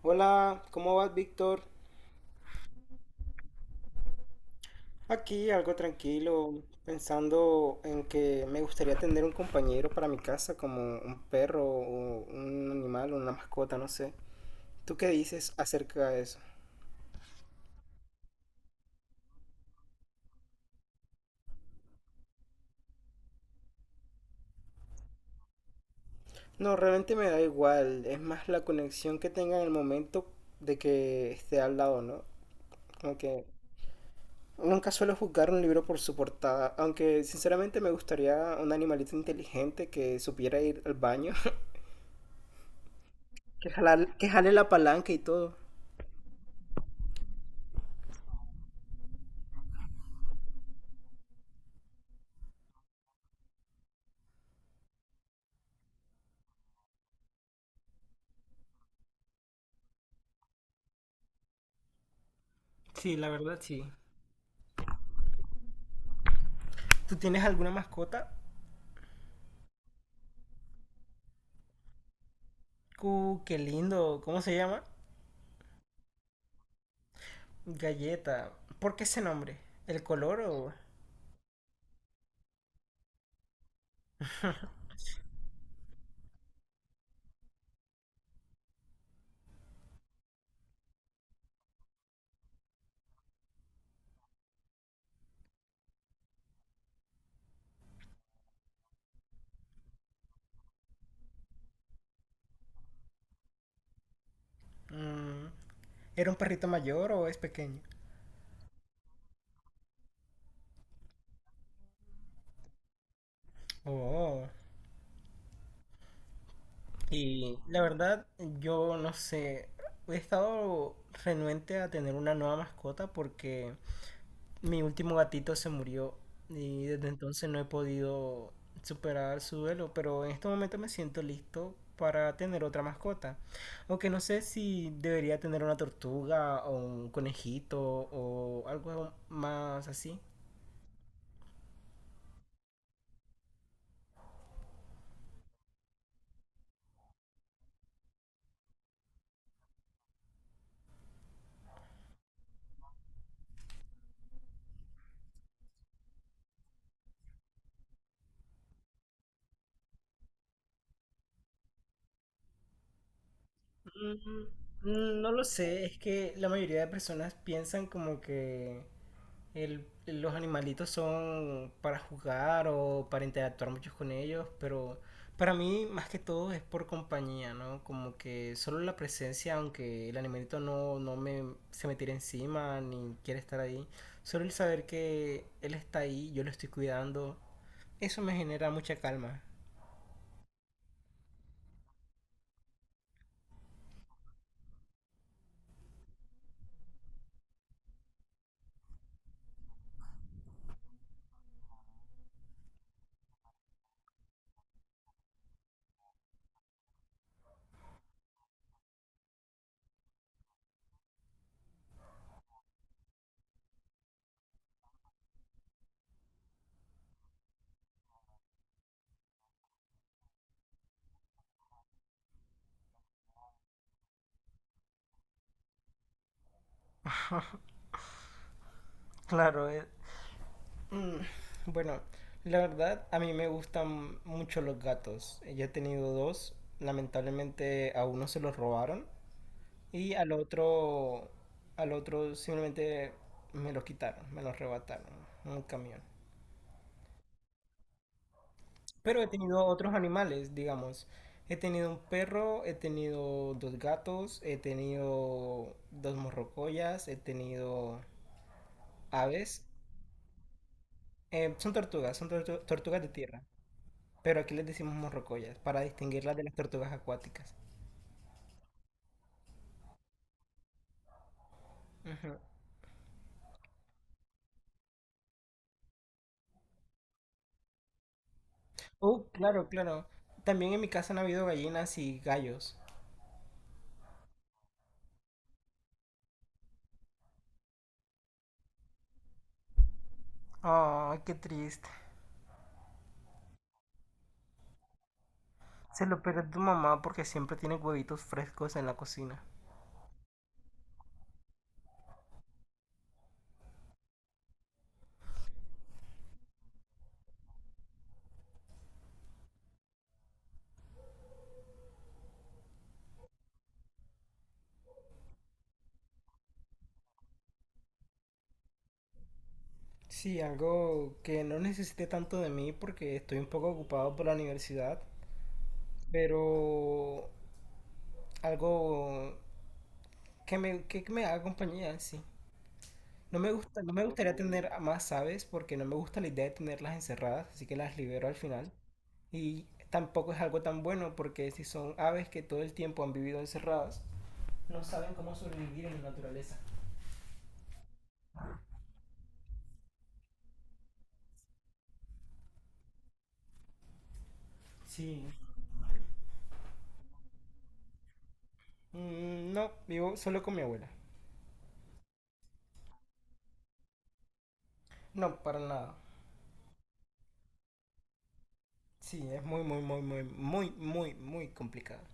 Hola, ¿cómo vas, Víctor? Aquí algo tranquilo, pensando en que me gustaría tener un compañero para mi casa, como un perro o un animal o una mascota, no sé. ¿Tú qué dices acerca de eso? No, realmente me da igual, es más la conexión que tenga en el momento de que esté al lado, ¿no? Como que nunca suelo juzgar un libro por su portada, aunque sinceramente me gustaría un animalito inteligente que supiera ir al baño, que jale la palanca y todo. Sí, la verdad sí. ¿Tú tienes alguna mascota? Qué lindo. ¿Cómo se llama? Galleta. ¿Por qué ese nombre? ¿El color o...? Mm, ¿era un perrito mayor o es pequeño? Oh. Y la verdad, yo no sé. He estado renuente a tener una nueva mascota porque mi último gatito se murió y desde entonces no he podido superar su duelo, pero en este momento me siento listo para tener otra mascota. Aunque no sé si debería tener una tortuga o un conejito o algo más así. No lo sé, es que la mayoría de personas piensan como que los animalitos son para jugar o para interactuar mucho con ellos, pero para mí más que todo es por compañía, ¿no? Como que solo la presencia, aunque el animalito no me, se me tire encima ni quiere estar ahí, solo el saber que él está ahí, yo lo estoy cuidando, eso me genera mucha calma. Claro, Mm, bueno, la verdad a mí me gustan mucho los gatos. Yo he tenido dos, lamentablemente a uno se los robaron y al otro simplemente me los quitaron, me los arrebataron en un camión. Pero he tenido otros animales, digamos. He tenido un perro, he tenido dos gatos, he tenido dos morrocoyas, he tenido aves. Son tortugas, son tortugas de tierra. Pero aquí les decimos morrocoyas para distinguirlas de las tortugas acuáticas. Ujú. Oh, claro, claro. También en mi casa han habido gallinas y gallos. Ay, qué triste. Se lo pierde tu mamá porque siempre tiene huevitos frescos en la cocina. Sí, algo que no necesité tanto de mí porque estoy un poco ocupado por la universidad, pero algo que me haga compañía en sí. No me gusta, no me gustaría tener a más aves porque no me gusta la idea de tenerlas encerradas, así que las libero al final. Y tampoco es algo tan bueno porque si son aves que todo el tiempo han vivido encerradas, no saben cómo sobrevivir en la naturaleza. Sí, no, vivo solo con mi abuela. No, para nada. Sí, es muy, muy, muy, muy, muy, muy, muy complicado.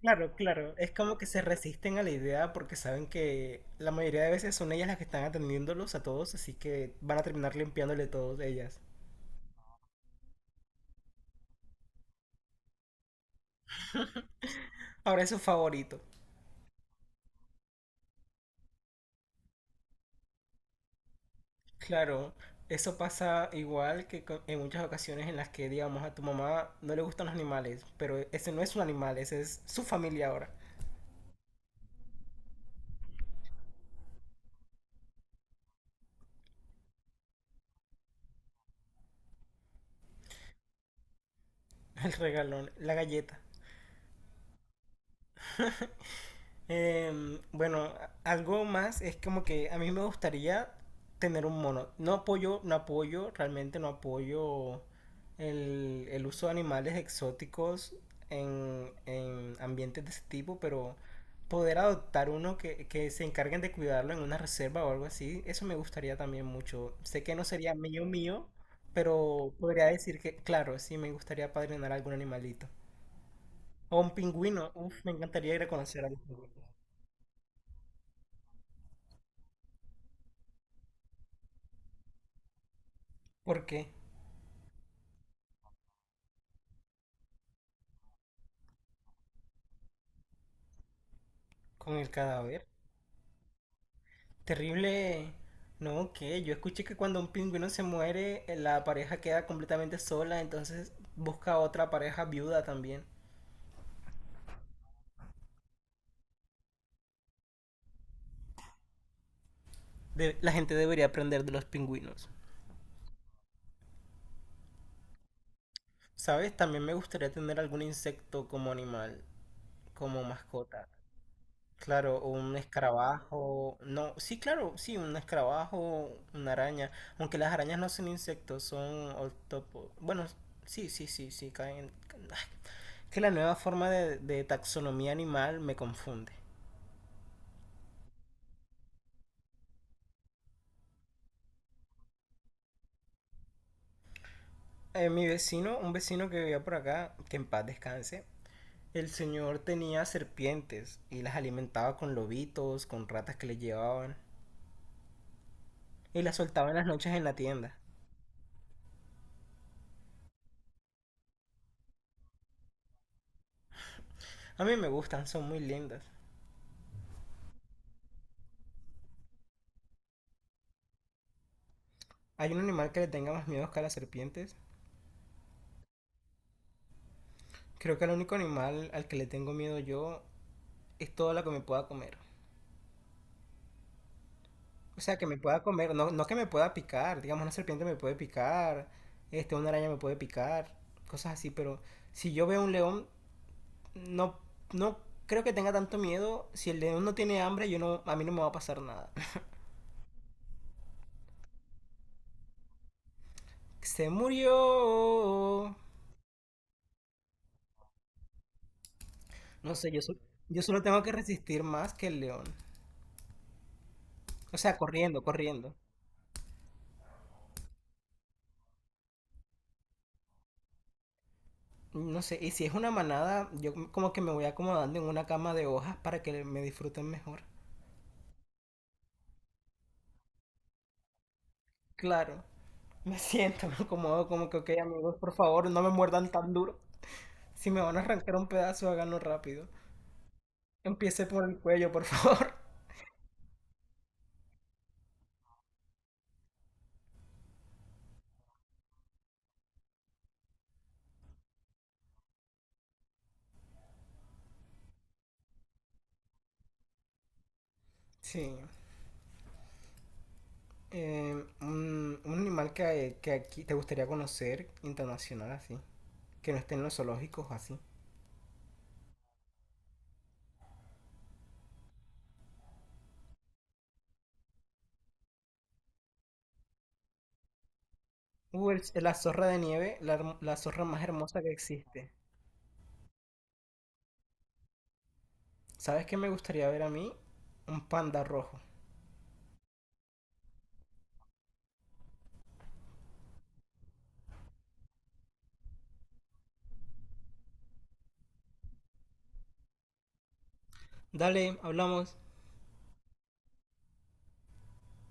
Claro, claro. Es como que se resisten a la idea porque saben que la mayoría de veces son ellas las que están atendiéndolos a todos, así que van a terminar limpiándole todos ellas. Ahora es su favorito. Claro, eso pasa igual que en muchas ocasiones en las que, digamos, a tu mamá no le gustan los animales, pero ese no es un animal, ese es su familia ahora. El regalón, la galleta. Eh, bueno, algo más es como que a mí me gustaría tener un mono. No apoyo, no apoyo, realmente no apoyo el uso de animales exóticos en ambientes de ese tipo, pero poder adoptar uno que se encarguen de cuidarlo en una reserva o algo así, eso me gustaría también mucho. Sé que no sería mío mío, pero podría decir que, claro, sí me gustaría padrinar algún animalito. O un pingüino, uf, me encantaría ir a conocer a los pingüinos. ¿Por qué? Con el cadáver. Terrible. No, que yo escuché que cuando un pingüino se muere, la pareja queda completamente sola, entonces busca otra pareja viuda también. La gente debería aprender de los pingüinos. ¿Sabes? También me gustaría tener algún insecto como animal, como mascota. Claro, o un escarabajo. No, sí, claro, sí, un escarabajo, una araña. Aunque las arañas no son insectos, son octopo. Bueno, sí, sí, sí, sí, caen. Ay, que la nueva forma de taxonomía animal me confunde. Mi vecino, un vecino que vivía por acá, que en paz descanse, el señor tenía serpientes y las alimentaba con lobitos, con ratas que le llevaban y las soltaba en las noches en la tienda. A mí me gustan, son muy lindas. ¿Hay un animal que le tenga más miedo que a las serpientes? Creo que el único animal al que le tengo miedo yo es todo lo que me pueda comer. O sea, que me pueda comer, no, no que me pueda picar. Digamos, una serpiente me puede picar, este, una araña me puede picar, cosas así. Pero si yo veo un león, no, no creo que tenga tanto miedo. Si el león no tiene hambre, yo no, a mí no me va a pasar nada. Se murió. No sé, yo solo tengo que resistir más que el león. O sea, corriendo, corriendo. No sé, y si es una manada, yo como que me voy acomodando en una cama de hojas para que me disfruten mejor. Claro, me siento, me acomodo como que, ok, amigos, por favor, no me muerdan tan duro. Si me van a arrancar un pedazo, háganlo rápido. Empiece por el cuello, por favor. Sí. eh, un animal que aquí te gustaría conocer internacional así, que no esté en los zoológicos así. La zorra de nieve, la zorra más hermosa que existe. ¿Sabes qué me gustaría ver a mí? Un panda rojo. Dale, hablamos.